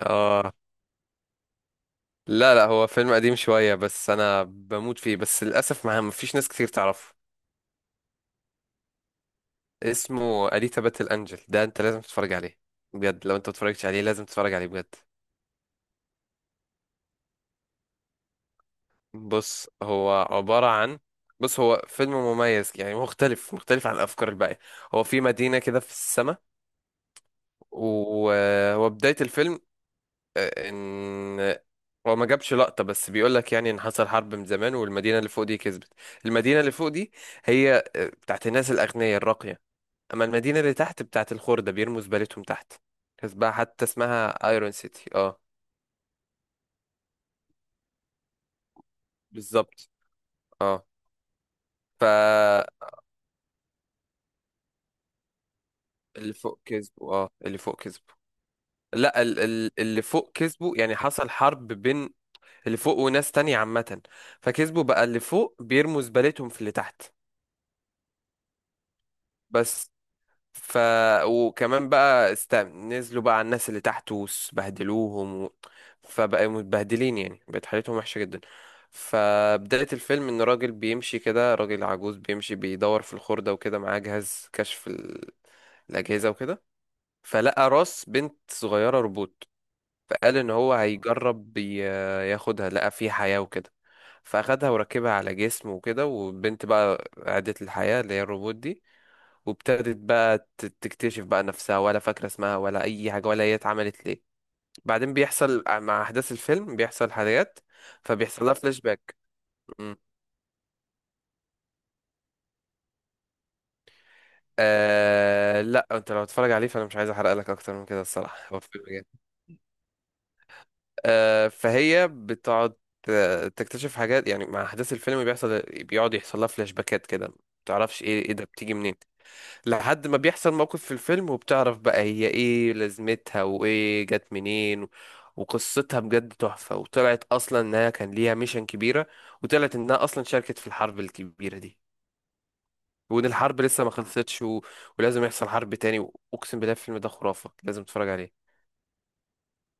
اه، لا لا هو فيلم قديم شوية بس أنا بموت فيه. بس للأسف ما مفيش ناس كتير تعرفه. اسمه أليتا باتل أنجل، ده أنت لازم تتفرج عليه بجد. لو أنت متفرجتش عليه لازم تتفرج عليه بجد. بص هو عبارة عن بص هو فيلم مميز، يعني مختلف عن الأفكار الباقية. هو في مدينة كده في السماء، وهو بداية الفيلم آه، ان هو ما جابش لقطة، بس بيقول لك يعني ان حصل حرب من زمان والمدينة اللي فوق دي كسبت. المدينة اللي فوق دي هي بتاعت الناس الأغنياء الراقية. اما المدينة اللي تحت بتاعت الخردة، بيرموا زبالتهم تحت. كسبها، حتى اسمها ايرون سيتي. اه، بالظبط. اه. ف اللي فوق كسبوا، اه، اللي فوق كسبوا. لا اللي فوق كسبوا، يعني حصل حرب بين اللي فوق وناس تانية عامة. فكسبوا بقى اللي فوق، بيرموا زبالتهم في اللي تحت. بس. ف وكمان بقى نزلوا بقى على الناس اللي تحت وبهدلوهم و... فبقى متبهدلين، يعني بقت حالتهم وحشة جدا. فبداية الفيلم إن راجل بيمشي كده، راجل عجوز بيمشي بيدور في الخردة وكده، معاه جهاز كشف الأجهزة وكده. فلقى راس بنت صغيرة روبوت. فقال إن هو هيجرب ياخدها. لقى فيه حياة وكده، فأخدها وركبها على جسمه وكده، والبنت بقى عادت للحياة، اللي هي الروبوت دي. وابتدت بقى تكتشف بقى نفسها، ولا فاكرة اسمها ولا أي حاجة ولا هي اتعملت ليه. بعدين بيحصل مع أحداث الفيلم، بيحصل حاجات، فبيحصل لها فلاش باك. مم. آه لا، انت لو هتتفرج عليه فانا مش عايز احرق لك اكتر من كده، الصراحه. هو فيلم جامد. فهي بتقعد تكتشف حاجات، يعني مع احداث الفيلم بيحصل، بيقعد يحصل لها فلاش باكات كده، ما تعرفش ايه ايه ده، بتيجي منين. لحد ما بيحصل موقف في الفيلم، وبتعرف بقى هي ايه لازمتها، وايه جت منين وقصتها بجد تحفة. وطلعت اصلا انها كان ليها ميشن كبيرة، وطلعت انها اصلا شاركت في الحرب الكبيرة دي. وان الحرب لسه ما خلصتش ولازم يحصل حرب تاني. واقسم بالله الفيلم ده خرافة، لازم تتفرج عليه.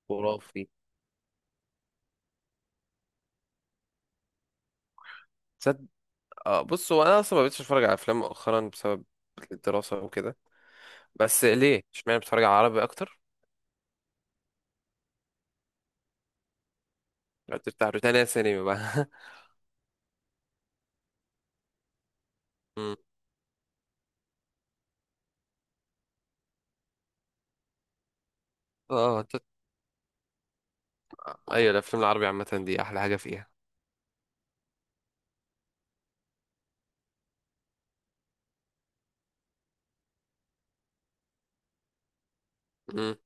خرافي. صد... آه بص، هو انا اصلا ما بقتش اتفرج على افلام مؤخرا بسبب الدراسة وكده. بس ليه اشمعنى بتتفرج على عربي اكتر؟ لا، بتفتح روتانا سينما بقى. مم. اه ايوه، الافلام العربي عامه دي احلى حاجه فيها. مم.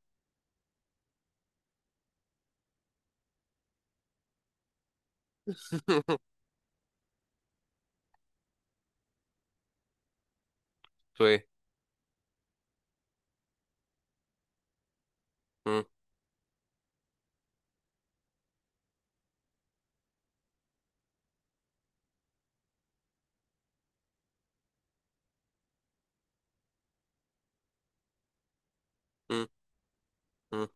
تو ايه؟ مم. مم. مم.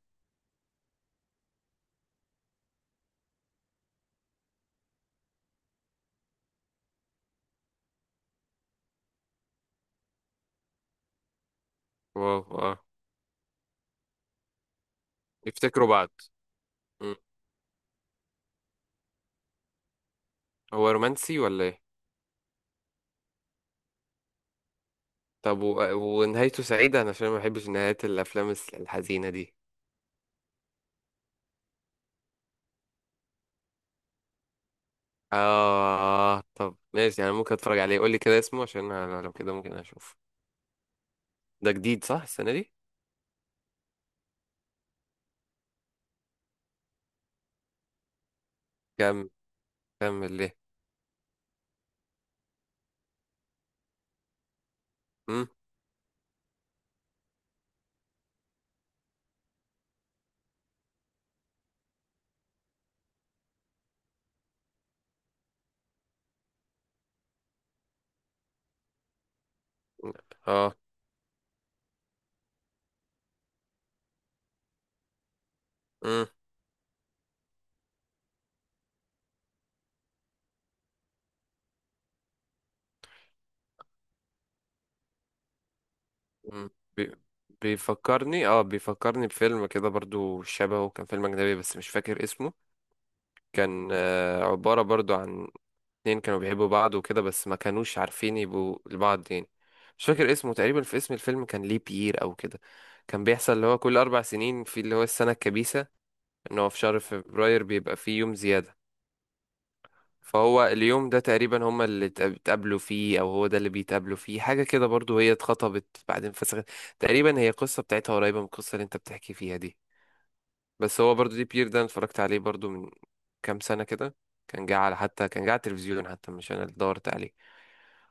واو، اه، يفتكروا بعض. مم. هو رومانسي ولا ايه؟ طب ونهايته سعيده، انا عشان ما بحبش نهايات الافلام الحزينه دي. اه طب ماشي، انا ممكن اتفرج عليه. قول لي كده اسمه، عشان أنا لو كده ممكن اشوف. ده جديد صح؟ السنه دي؟ كم كمل ليه. مم. اه. مم. مم. بي... بيفكرني بفيلم كده برضو شبهه، كان فيلم اجنبي بس مش فاكر اسمه. كان عبارة برضو عن اتنين كانوا بيحبوا بعض وكده، بس ما كانوش عارفين يبقوا لبعض يعني. مش فاكر اسمه، تقريبا في اسم الفيلم كان ليه بيير او كده. كان بيحصل اللي هو كل اربع سنين، في اللي هو السنة الكبيسة. ان هو في شهر فبراير بيبقى فيه يوم زيادة. فهو اليوم ده تقريبا هما اللي اتقابلوا فيه، او هو ده اللي بيتقابلوا فيه حاجة كده برضو. هي اتخطبت بعدين فسخت. تقريبا هي قصة بتاعتها قريبة من القصة اللي انت بتحكي فيها دي. بس هو برضو دي بير ده، أنا اتفرجت عليه برضو من كام سنة كده. كان جه على، حتى كان جه على التلفزيون، حتى مش انا اللي دورت عليه.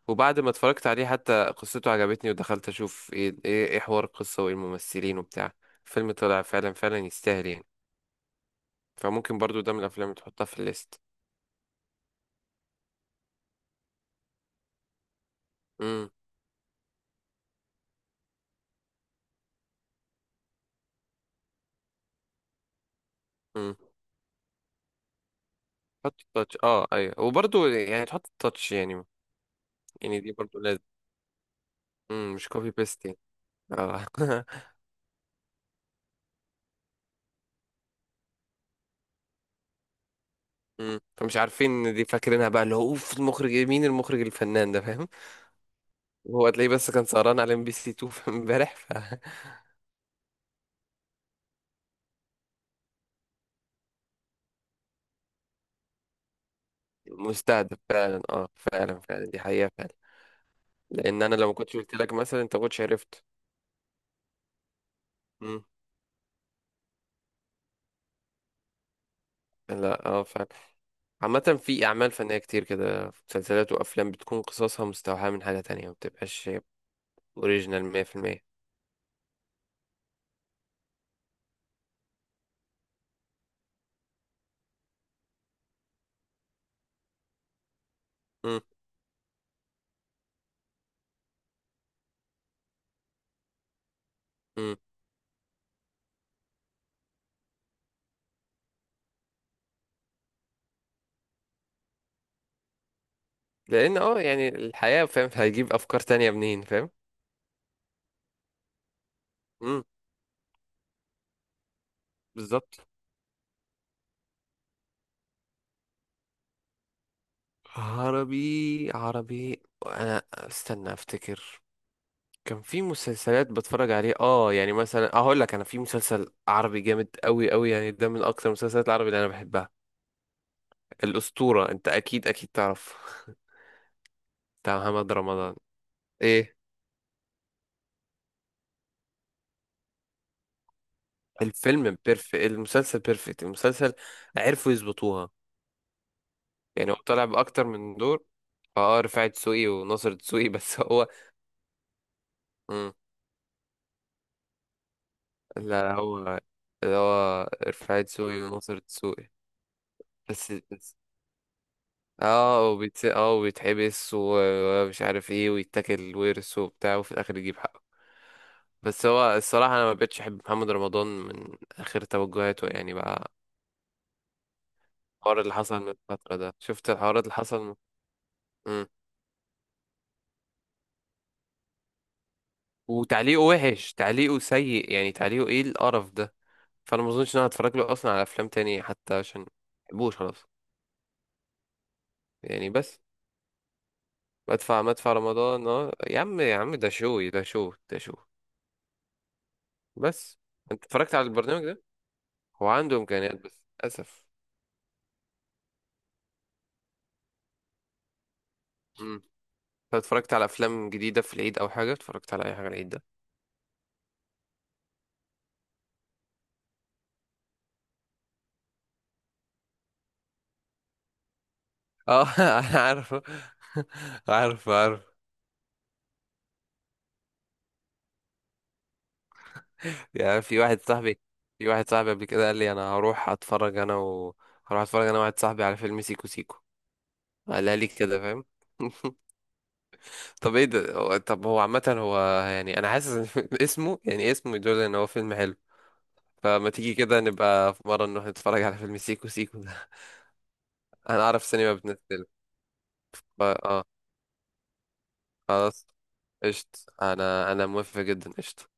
وبعد ما اتفرجت عليه حتى قصته عجبتني، ودخلت اشوف إيه حوار القصة وايه الممثلين وبتاع. الفيلم طلع فعلا فعلا يستاهل يعني. فممكن برضو ده من الافلام اللي تحطها في الليست. امم. امم. حط التاتش، اه ايوه، وبرضو يعني تحط التاتش يعني. يعني دي برضو لازم. امم. مش كوبي بيست يعني. اه. امم، فمش عارفين دي، فاكرينها بقى اللي هو اوف، المخرج إيه؟ مين المخرج الفنان ده فاهم؟ هو تلاقيه بس كان سهران على ام بي سي 2 في امبارح. فمستهدف. فعلا فعلا فعلا، دي حقيقة فعلا. لان انا لو ما كنتش قلت لك مثلا، انت ما كنتش عرفت. مم. لا اه فعلا. عامة في اعمال فنية كتير كده، مسلسلات وافلام بتكون قصصها مستوحاة من حاجة تانية، ما بتبقاش اوريجينال 100%. مم. مم. لان يعني الحياة، فاهم؟ هيجيب افكار تانية منين، فاهم؟ مم. بالظبط. عربي، عربي انا، استنى افتكر. كان في مسلسلات بتفرج عليه، اه، يعني مثلا اقول لك انا في مسلسل عربي جامد قوي قوي، يعني ده من اكتر المسلسلات العربي اللي انا بحبها. الاسطوره، انت اكيد اكيد تعرف. بتاع محمد رمضان. ايه. الفيلم بيرفكت، المسلسل بيرفكت، المسلسل عرفوا يظبطوها. يعني هو طالع باكتر من دور. اه، رفاعي دسوقي وناصر دسوقي. بس هو. مم. لا، هو اللي هو رفاعي دسوقي وناصر دسوقي. بس وبيتحبس ومش عارف ايه، ويتاكل ورث وبتاع، وفي الاخر يجيب حقه. بس هو الصراحة انا ما بقتش احب محمد رمضان من اخر توجهاته يعني بقى. الحوار اللي حصل من الفترة ده، شفت الحوارات اللي حصل من... مم. وتعليقه وحش، تعليقه سيء يعني، تعليقه ايه القرف ده. فانا ما اظنش ان انا هتفرج له اصلا على افلام تانية حتى، عشان ما بحبوش خلاص. يعني بس، بدفع مدفع رمضان، اه يا عم، يا عم ده شو ده شو ده شو. بس انت اتفرجت على البرنامج ده؟ هو عنده امكانيات بس للاسف. امم. طب اتفرجت على افلام جديده في العيد او حاجه؟ اتفرجت على اي حاجه العيد ده؟ اه انا عارفه. عارف عارف. يعني في واحد صاحبي قبل كده قال لي انا هروح اتفرج انا و هروح اتفرج انا واحد صاحبي على فيلم سيكو سيكو. قالها لي كده، فاهم؟ طب ايه ده، هو- طب هو عامة، هو يعني انا حاسس ان اسمه، يعني اسمه يدل ان هو فيلم حلو. فما تيجي كده نبقى في مرة نروح نتفرج على فيلم سيكو سيكو ده. انا اعرف سينما بتنزل. ف- اه خلاص. قشط. انا موافق جدا. قشط.